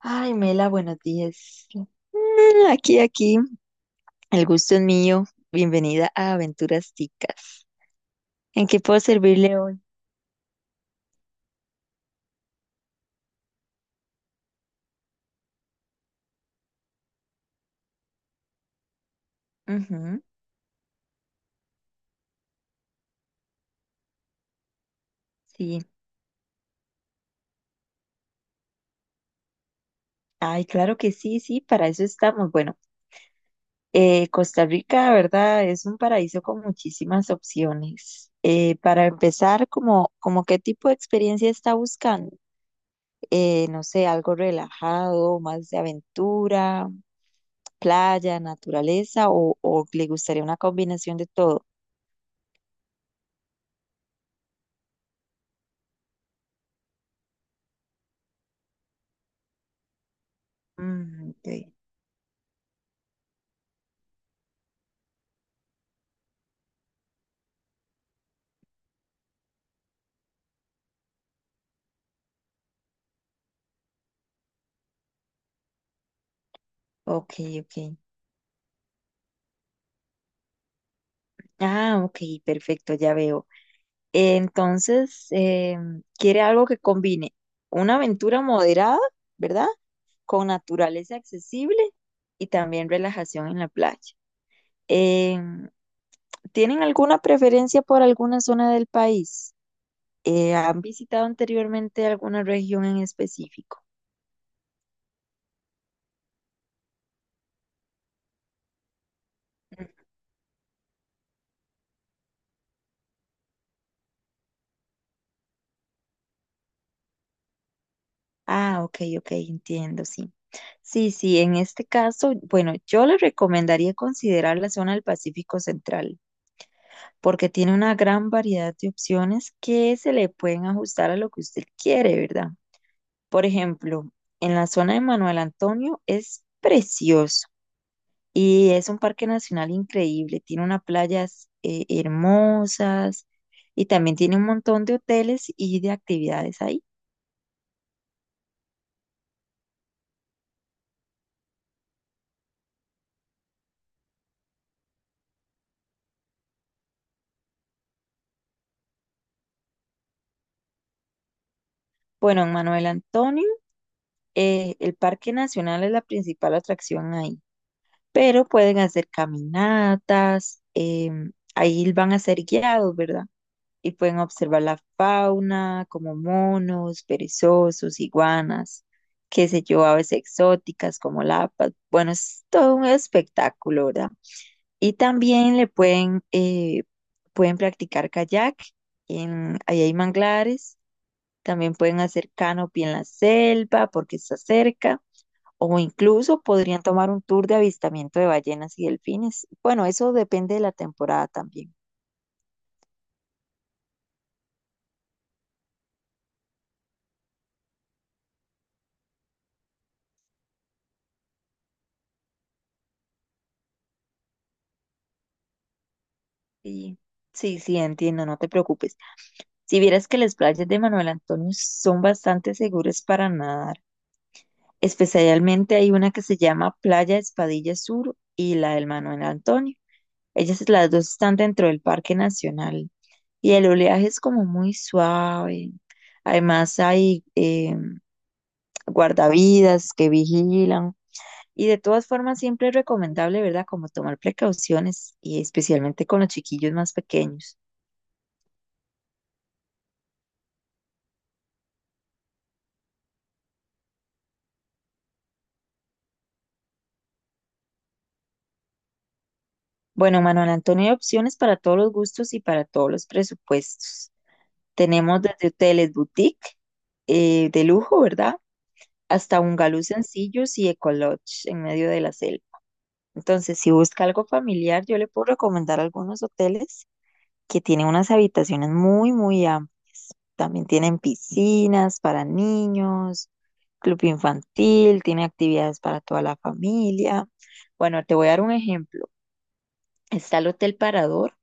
Ay, Mela, buenos días. Aquí, aquí, el gusto es mío. Bienvenida a Aventuras Ticas. ¿En qué puedo servirle hoy? Ujú, sí. Ay, claro que sí, sí, para eso estamos. Bueno, Costa Rica, ¿verdad? Es un paraíso con muchísimas opciones. Para empezar, como ¿qué tipo de experiencia está buscando? No sé, algo relajado, más de aventura, playa, naturaleza, o le gustaría una combinación de todo. Mm, ok, ok, ok. Ah, ok, perfecto, ya veo. Entonces, quiere algo que combine una aventura moderada, ¿verdad? Con naturaleza accesible y también relajación en la playa. Em, ¿Tienen alguna preferencia por alguna zona del país? ¿Han visitado anteriormente alguna región en específico? Ah, ok, ok, entiendo, sí. Sí, sí, en este caso, bueno, yo le recomendaría considerar la zona del Pacífico Central, porque tiene una gran variedad de opciones que se le pueden ajustar a lo que usted quiere, ¿verdad? Por ejemplo, en la zona de Manuel Antonio es precioso y es un parque nacional increíble, tiene unas playas hermosas, y también tiene un montón de hoteles y de actividades ahí. Bueno, en Manuel Antonio, el Parque Nacional es la principal atracción ahí, pero pueden hacer caminatas. Ahí van a ser guiados, ¿verdad? Y pueden observar la fauna, como monos, perezosos, iguanas, qué sé yo, aves exóticas como lapas. Bueno, es todo un espectáculo, ¿verdad? Y también pueden practicar kayak. Ahí hay manglares. También pueden hacer canopy en la selva porque está cerca. O incluso podrían tomar un tour de avistamiento de ballenas y delfines. Bueno, eso depende de la temporada también. Sí, sí, sí, entiendo, no te preocupes. Si vieras que las playas de Manuel Antonio son bastante seguras para nadar, especialmente hay una que se llama Playa Espadilla Sur y la del Manuel Antonio. Ellas las dos están dentro del Parque Nacional y el oleaje es como muy suave. Además hay guardavidas que vigilan. Y de todas formas, siempre es recomendable, ¿verdad? Como tomar precauciones, y especialmente con los chiquillos más pequeños. Bueno, Manuel Antonio, hay opciones para todos los gustos y para todos los presupuestos. Tenemos desde hoteles boutique de lujo, ¿verdad? Hasta bungalows sencillos y ecolodge en medio de la selva. Entonces, si busca algo familiar, yo le puedo recomendar algunos hoteles que tiene unas habitaciones muy, muy amplias. También tienen piscinas para niños, club infantil, tiene actividades para toda la familia. Bueno, te voy a dar un ejemplo. Está el Hotel Parador,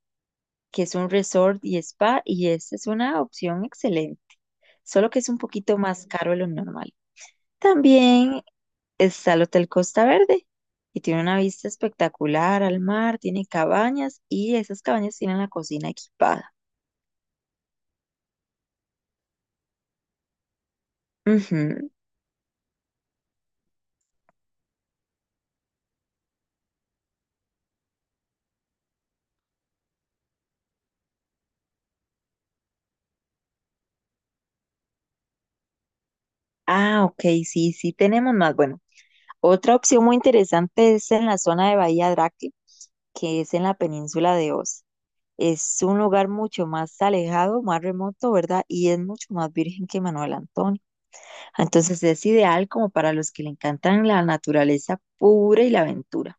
que es un resort y spa, y esa es una opción excelente, solo que es un poquito más caro de lo normal. También está el Hotel Costa Verde, y tiene una vista espectacular al mar, tiene cabañas, y esas cabañas tienen la cocina equipada. Ujú. Ah, ok, sí, sí tenemos más. Bueno, otra opción muy interesante es en la zona de Bahía Draque, que es en la península de Oz. Es un lugar mucho más alejado, más remoto, ¿verdad? Y es mucho más virgen que Manuel Antonio. Entonces es ideal como para los que le encantan la naturaleza pura y la aventura.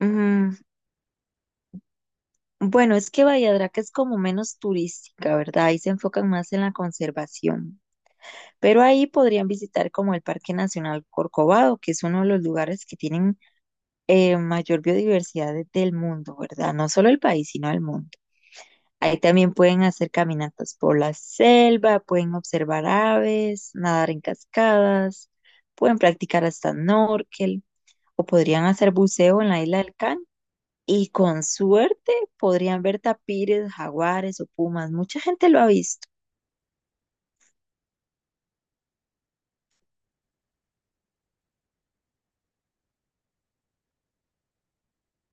Mm, bueno, es que Bahía Draque es como menos turística, ¿verdad? Ahí se enfocan más en la conservación. Pero ahí podrían visitar como el Parque Nacional Corcovado, que es uno de los lugares que tienen mayor biodiversidad del mundo, ¿verdad? No solo el país, sino el mundo. Ahí también pueden hacer caminatas por la selva, pueden observar aves, nadar en cascadas, pueden practicar hasta snorkel o podrían hacer buceo en la isla del Can. Y con suerte podrían ver tapires, jaguares o pumas. Mucha gente lo ha visto.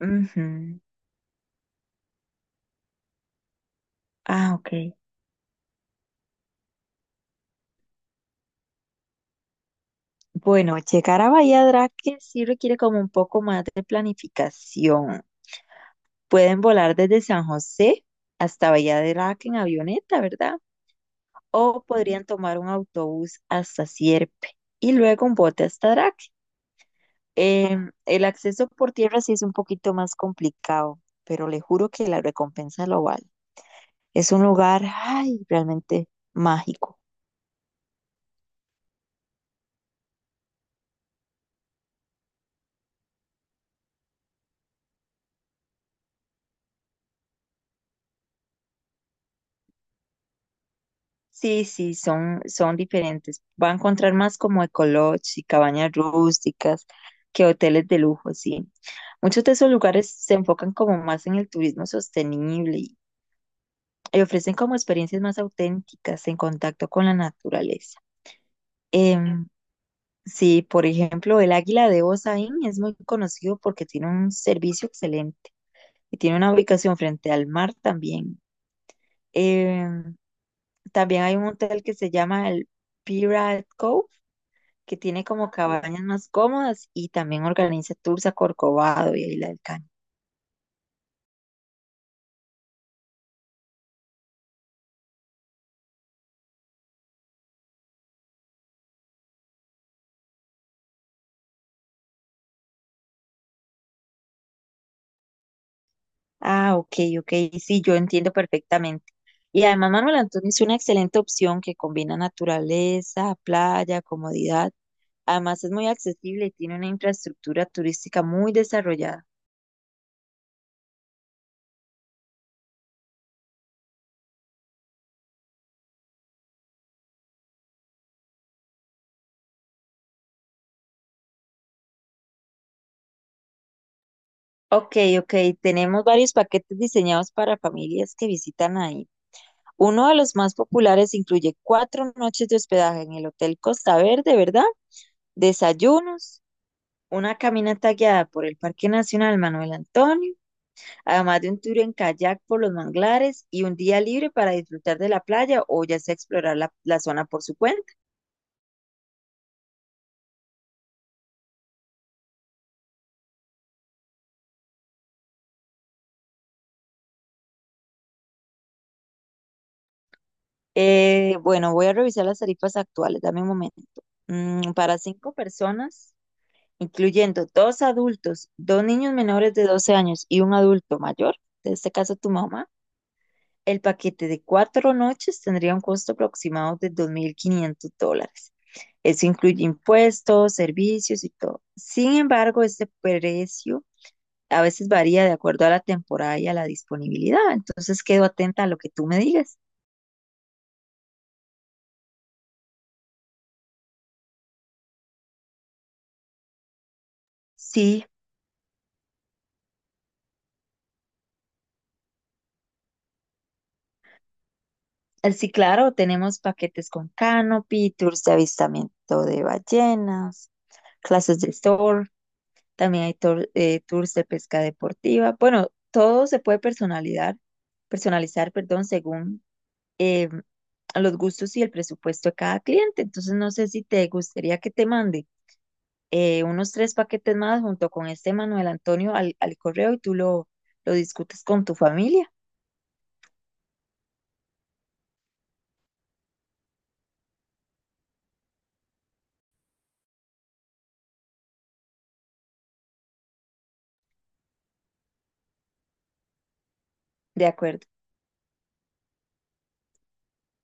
Ujú. Ah, ok. Bueno, llegar a Bahía Draque sí requiere como un poco más de planificación. Pueden volar desde San José hasta Bahía de Valladolid en avioneta, ¿verdad? O podrían tomar un autobús hasta Sierpe y luego un bote hasta Drac. El acceso por tierra sí es un poquito más complicado, pero le juro que la recompensa lo vale. Es un lugar, ay, realmente mágico. Sí, sí, son diferentes. Va a encontrar más como ecolodge y cabañas rústicas que hoteles de lujo, sí. Muchos de esos lugares se enfocan como más en el turismo sostenible y ofrecen como experiencias más auténticas en contacto con la naturaleza. Em, sí, por ejemplo, el Águila de Osaín es muy conocido porque tiene un servicio excelente y tiene una ubicación frente al mar también. Em, También hay un hotel que se llama el Pirate Cove, que tiene como cabañas más cómodas y también organiza tours a Corcovado y a Isla del Caño. Ah, ok, ok, sí, yo entiendo perfectamente. Y además Manuel Antonio es una excelente opción que combina naturaleza, playa, comodidad. Además es muy accesible y tiene una infraestructura turística muy desarrollada. Ok, ok, tenemos varios paquetes diseñados para familias que visitan ahí. Uno de los más populares incluye 4 noches de hospedaje en el Hotel Costa Verde, ¿verdad? Desayunos, una caminata guiada por el Parque Nacional Manuel Antonio, además de un tour en kayak por los manglares y un día libre para disfrutar de la playa o ya sea explorar la zona por su cuenta. Bueno, voy a revisar las tarifas actuales, dame un momento. Para cinco personas, incluyendo dos adultos, dos niños menores de 12 años y un adulto mayor, en este caso tu mamá, el paquete de 4 noches tendría un costo aproximado de $2,500. Eso incluye impuestos, servicios y todo. Sin embargo, este precio a veces varía de acuerdo a la temporada y a la disponibilidad. Entonces, quedo atenta a lo que tú me digas. Sí, sí, claro, tenemos paquetes con canopy, tours de avistamiento de ballenas, clases de store. También hay tours de pesca deportiva. Bueno, todo se puede personalizar, perdón, según eh, los gustos y el presupuesto de cada cliente. Entonces, no sé si te gustaría que te mande unos tres paquetes más junto con este Manuel Antonio al correo y tú lo discutes con tu familia. De acuerdo.